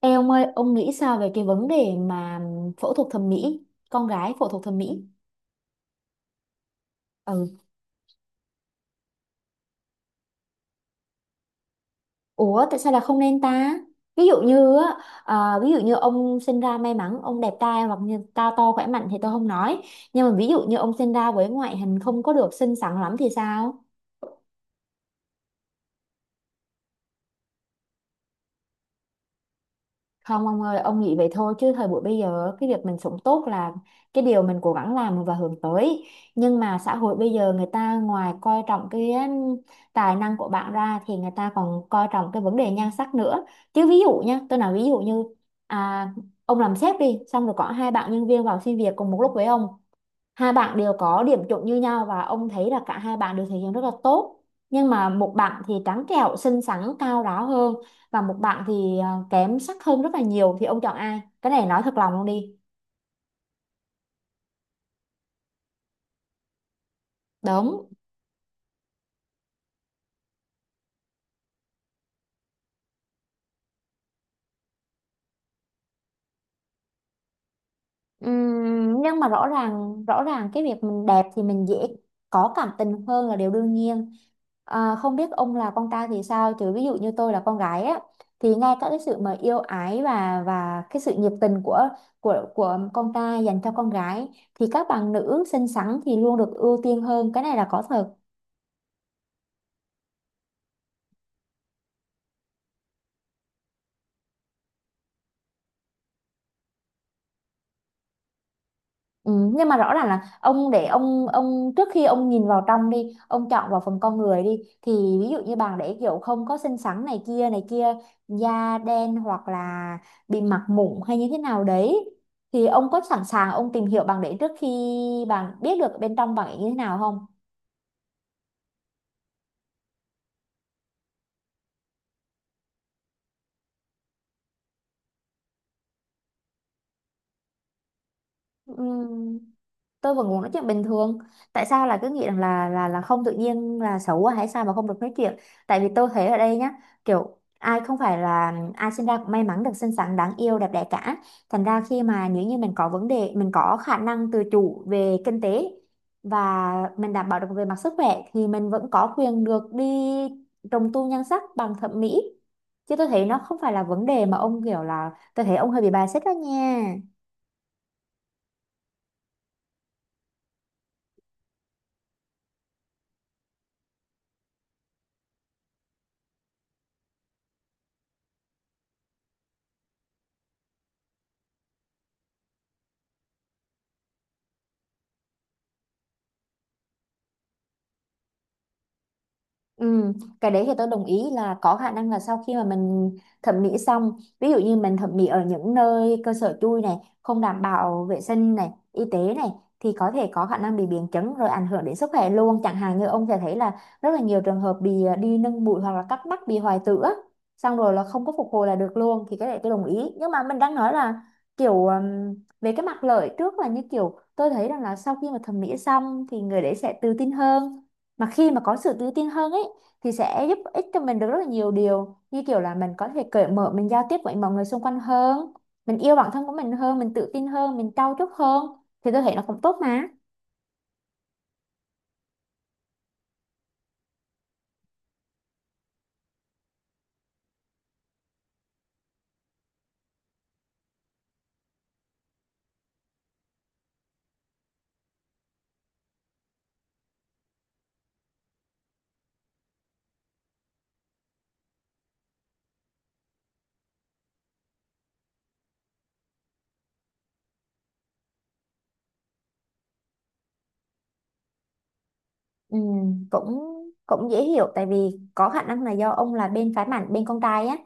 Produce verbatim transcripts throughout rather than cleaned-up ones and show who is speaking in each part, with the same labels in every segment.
Speaker 1: Ê ông ơi, ông nghĩ sao về cái vấn đề mà phẫu thuật thẩm mỹ, con gái phẫu thuật thẩm mỹ? Ừ. Ủa tại sao là không nên ta? Ví dụ như á, à, ví dụ như ông sinh ra may mắn ông đẹp trai hoặc như cao to khỏe mạnh thì tôi không nói. Nhưng mà ví dụ như ông sinh ra với ngoại hình không có được xinh xắn lắm thì sao? Không ông ơi, ông nghĩ vậy thôi chứ thời buổi bây giờ cái việc mình sống tốt là cái điều mình cố gắng làm và hướng tới. Nhưng mà xã hội bây giờ người ta ngoài coi trọng cái um, tài năng của bạn ra thì người ta còn coi trọng cái vấn đề nhan sắc nữa. Chứ ví dụ nha, tôi nói ví dụ như à, ông làm sếp đi, xong rồi có hai bạn nhân viên vào xin việc cùng một lúc với ông, hai bạn đều có điểm chuẩn như nhau và ông thấy là cả hai bạn đều thể hiện rất là tốt, nhưng mà một bạn thì trắng trẻo xinh xắn cao ráo hơn và một bạn thì à, kém sắc hơn rất là nhiều, thì ông chọn ai? Cái này nói thật lòng luôn đi. Đúng. Ừm, nhưng mà rõ ràng rõ ràng cái việc mình đẹp thì mình dễ có cảm tình hơn là điều đương nhiên. à, không biết ông là con trai thì sao, chứ ví dụ như tôi là con gái á, thì ngay cả cái sự mà yêu ái và và cái sự nhiệt tình của của của con trai dành cho con gái thì các bạn nữ xinh xắn thì luôn được ưu tiên hơn, cái này là có thật. Ừ, nhưng mà rõ ràng là ông để ông ông trước khi ông nhìn vào trong đi, ông chọn vào phần con người đi, thì ví dụ như bạn để kiểu không có xinh xắn này kia này kia, da đen hoặc là bị mặt mụn hay như thế nào đấy, thì ông có sẵn sàng ông tìm hiểu bạn để trước khi bạn biết được bên trong bạn ấy như thế nào không? Ừm, tôi vẫn muốn nói chuyện bình thường. Tại sao là cứ nghĩ rằng là là là không tự nhiên là xấu quá hay sao mà không được nói chuyện? Tại vì tôi thấy ở đây nhá, kiểu ai không phải là ai sinh ra cũng may mắn được xinh xắn đáng yêu đẹp đẽ cả, thành ra khi mà nếu như mình có vấn đề, mình có khả năng tự chủ về kinh tế và mình đảm bảo được về mặt sức khỏe thì mình vẫn có quyền được đi trùng tu nhan sắc bằng thẩm mỹ. Chứ tôi thấy nó không phải là vấn đề mà ông kiểu là, tôi thấy ông hơi bị bias đó nha. Ừ, cái đấy thì tôi đồng ý là có khả năng là sau khi mà mình thẩm mỹ xong, ví dụ như mình thẩm mỹ ở những nơi cơ sở chui này, không đảm bảo vệ sinh này y tế này, thì có thể có khả năng bị biến chứng rồi ảnh hưởng đến sức khỏe luôn, chẳng hạn như ông sẽ thấy là rất là nhiều trường hợp bị à, đi nâng bụi hoặc là cắt mắt bị hoại tử á, xong rồi là không có phục hồi là được luôn, thì cái đấy tôi đồng ý. Nhưng mà mình đang nói là kiểu ừm, về cái mặt lợi trước, là như kiểu tôi thấy rằng là sau khi mà thẩm mỹ xong thì người đấy sẽ tự tin hơn, mà khi mà có sự tự tin hơn ấy thì sẽ giúp ích cho mình được rất là nhiều điều, như kiểu là mình có thể cởi mở, mình giao tiếp với mọi người xung quanh hơn, mình yêu bản thân của mình hơn, mình tự tin hơn, mình trau chuốt hơn, thì tôi thấy nó cũng tốt mà. Ừ, cũng cũng dễ hiểu, tại vì có khả năng là do ông là bên phái bản bên con trai á,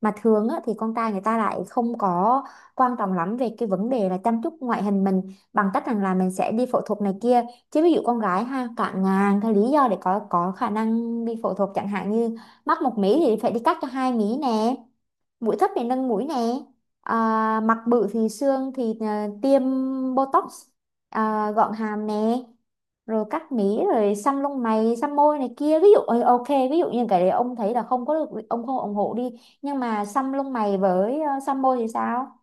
Speaker 1: mà thường á, thì con trai người ta lại không có quan trọng lắm về cái vấn đề là chăm chút ngoại hình mình bằng cách rằng là mình sẽ đi phẫu thuật này kia. Chứ ví dụ con gái ha cạn ngàn cái lý do để có có khả năng đi phẫu thuật, chẳng hạn như mắt một mí thì phải đi cắt cho hai mí nè, mũi thấp thì nâng mũi nè, à, mặt bự thì xương thì à, tiêm botox, à, gọn hàm nè, rồi cắt mí, rồi xăm lông mày xăm môi này kia. Ví dụ ờ, ok, ví dụ như cái đấy ông thấy là không có được ông không ủng hộ đi, nhưng mà xăm lông mày với ờ, xăm môi thì sao?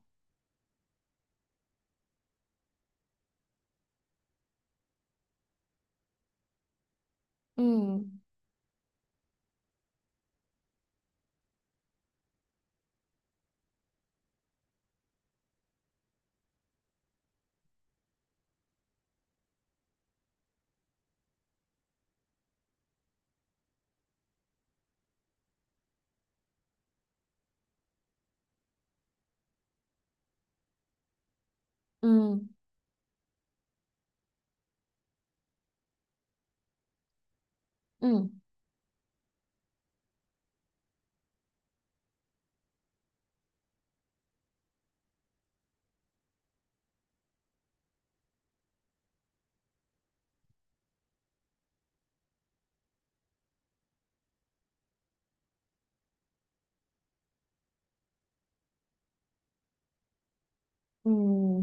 Speaker 1: Ừ. Ừ. Ừ. Ừ,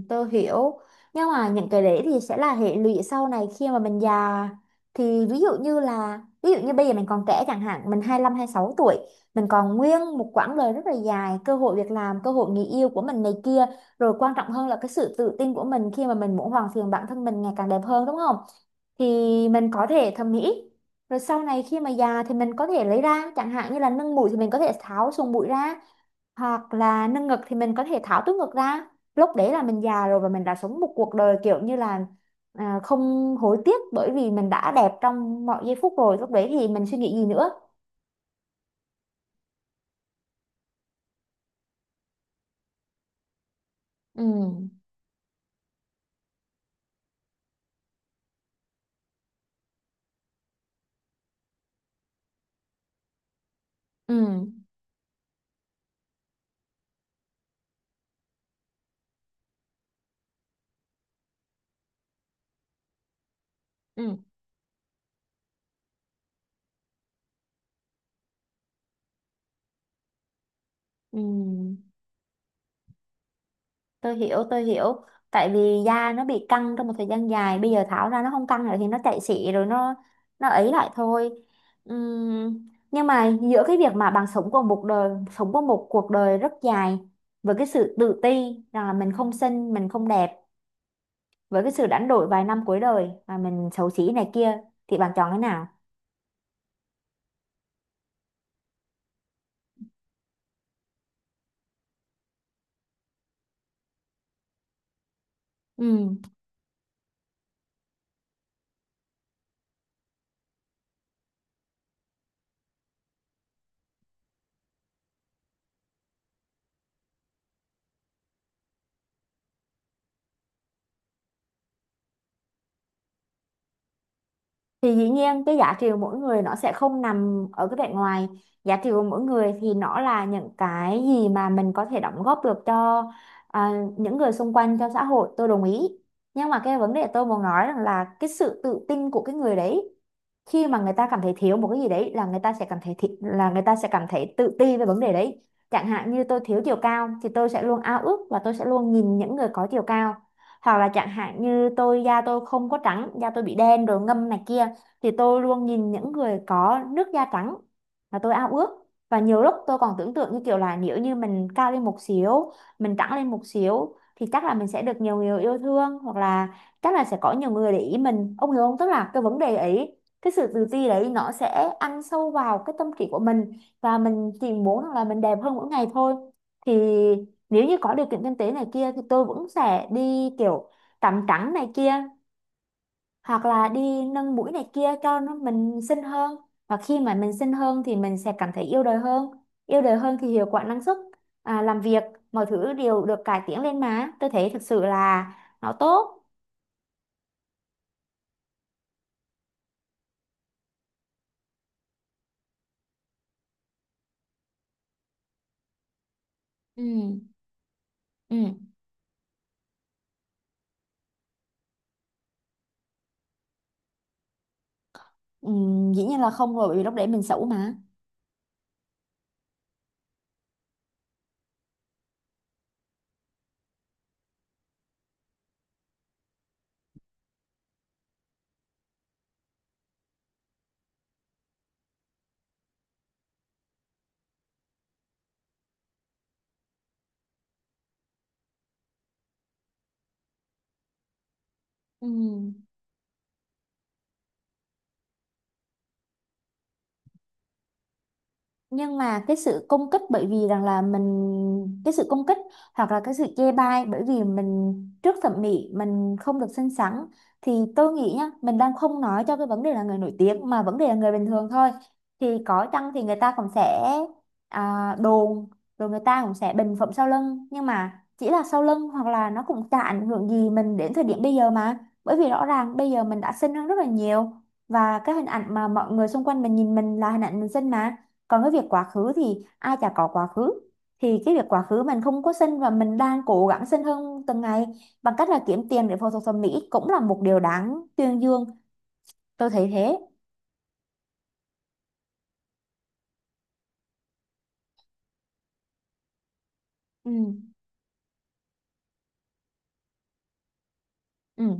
Speaker 1: tôi hiểu, nhưng mà những cái đấy thì sẽ là hệ lụy sau này khi mà mình già. Thì ví dụ như là, ví dụ như bây giờ mình còn trẻ, chẳng hạn mình hai lăm sáu tuổi, mình còn nguyên một quãng đời rất là dài, cơ hội việc làm, cơ hội người yêu của mình này kia, rồi quan trọng hơn là cái sự tự tin của mình khi mà mình muốn hoàn thiện bản thân mình ngày càng đẹp hơn, đúng không? Thì mình có thể thẩm mỹ, rồi sau này khi mà già thì mình có thể lấy ra, chẳng hạn như là nâng mũi thì mình có thể tháo sùng mũi ra, hoặc là nâng ngực thì mình có thể tháo túi ngực ra. Lúc đấy là mình già rồi và mình đã sống một cuộc đời kiểu như là à, không hối tiếc, bởi vì mình đã đẹp trong mọi giây phút rồi, lúc đấy thì mình suy nghĩ gì nữa? Ừ. Ừ. Ừ. Ừ. Tôi hiểu, tôi hiểu. Tại vì da nó bị căng trong một thời gian dài, bây giờ tháo ra nó không căng nữa thì nó chạy xị rồi, nó nó ấy lại thôi. Ừm, nhưng mà giữa cái việc mà bạn sống qua một đời, sống qua một cuộc đời rất dài với cái sự tự ti rằng là mình không xinh mình không đẹp, với cái sự đánh đổi vài năm cuối đời mà mình xấu xí này kia, thì bạn chọn cái nào? Ừ. Thì dĩ nhiên cái giá trị của mỗi người nó sẽ không nằm ở cái vẻ ngoài, giá trị của mỗi người thì nó là những cái gì mà mình có thể đóng góp được cho à, những người xung quanh cho xã hội, tôi đồng ý. Nhưng mà cái vấn đề tôi muốn nói rằng là cái sự tự tin của cái người đấy, khi mà người ta cảm thấy thiếu một cái gì đấy là người ta sẽ cảm thấy thi, là người ta sẽ cảm thấy tự ti về vấn đề đấy. Chẳng hạn như tôi thiếu chiều cao thì tôi sẽ luôn ao ước và tôi sẽ luôn nhìn những người có chiều cao, hoặc là chẳng hạn như tôi da tôi không có trắng, da tôi bị đen rồi ngâm này kia, thì tôi luôn nhìn những người có nước da trắng và tôi ao ước. Và nhiều lúc tôi còn tưởng tượng như kiểu là, nếu như mình cao lên một xíu, mình trắng lên một xíu, thì chắc là mình sẽ được nhiều người yêu thương, hoặc là chắc là sẽ có nhiều người để ý mình, ông hiểu không? Tức là cái vấn đề ấy, cái sự tự ti đấy nó sẽ ăn sâu vào cái tâm trí của mình, và mình chỉ muốn rằng là mình đẹp hơn mỗi ngày thôi. Thì nếu như có điều kiện kinh tế này kia thì tôi vẫn sẽ đi kiểu tắm trắng này kia hoặc là đi nâng mũi này kia cho nó mình xinh hơn. Và khi mà mình xinh hơn thì mình sẽ cảm thấy yêu đời hơn, yêu đời hơn thì hiệu quả năng suất à, làm việc, mọi thứ đều được cải tiến lên, mà tôi thấy thực sự là nó tốt. Ừ. Ừ. Ừ. Dĩ nhiên là không rồi, bởi vì lúc đấy mình xấu mà. Ừ. Nhưng mà cái sự công kích bởi vì rằng là mình, cái sự công kích hoặc là cái sự chê bai bởi vì mình trước thẩm mỹ mình không được xinh xắn, thì tôi nghĩ nhá, mình đang không nói cho cái vấn đề là người nổi tiếng mà vấn đề là người bình thường thôi, thì có chăng thì người ta cũng sẽ à, đồn, rồi người ta cũng sẽ bình phẩm sau lưng, nhưng mà chỉ là sau lưng hoặc là nó cũng chả ảnh hưởng gì mình đến thời điểm bây giờ mà, bởi vì rõ ràng bây giờ mình đã xinh hơn rất là nhiều và cái hình ảnh mà mọi người xung quanh mình nhìn mình là hình ảnh mình xinh mà. Còn cái việc quá khứ thì ai chả có quá khứ, thì cái việc quá khứ mình không có xin và mình đang cố gắng xin hơn từng ngày bằng cách là kiếm tiền để phẫu thuật thẩm mỹ cũng là một điều đáng tuyên dương, tôi thấy thế. Ừ. Ừ.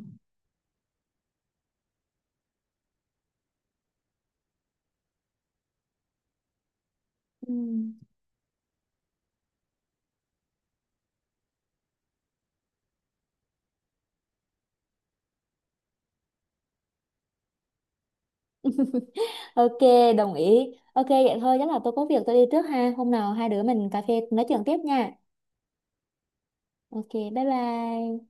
Speaker 1: Ừ. Ok, đồng ý. Ok, vậy thôi, chắc là tôi có việc tôi đi trước ha. Hôm nào hai đứa mình cà phê nói chuyện tiếp nha. Ok, bye bye.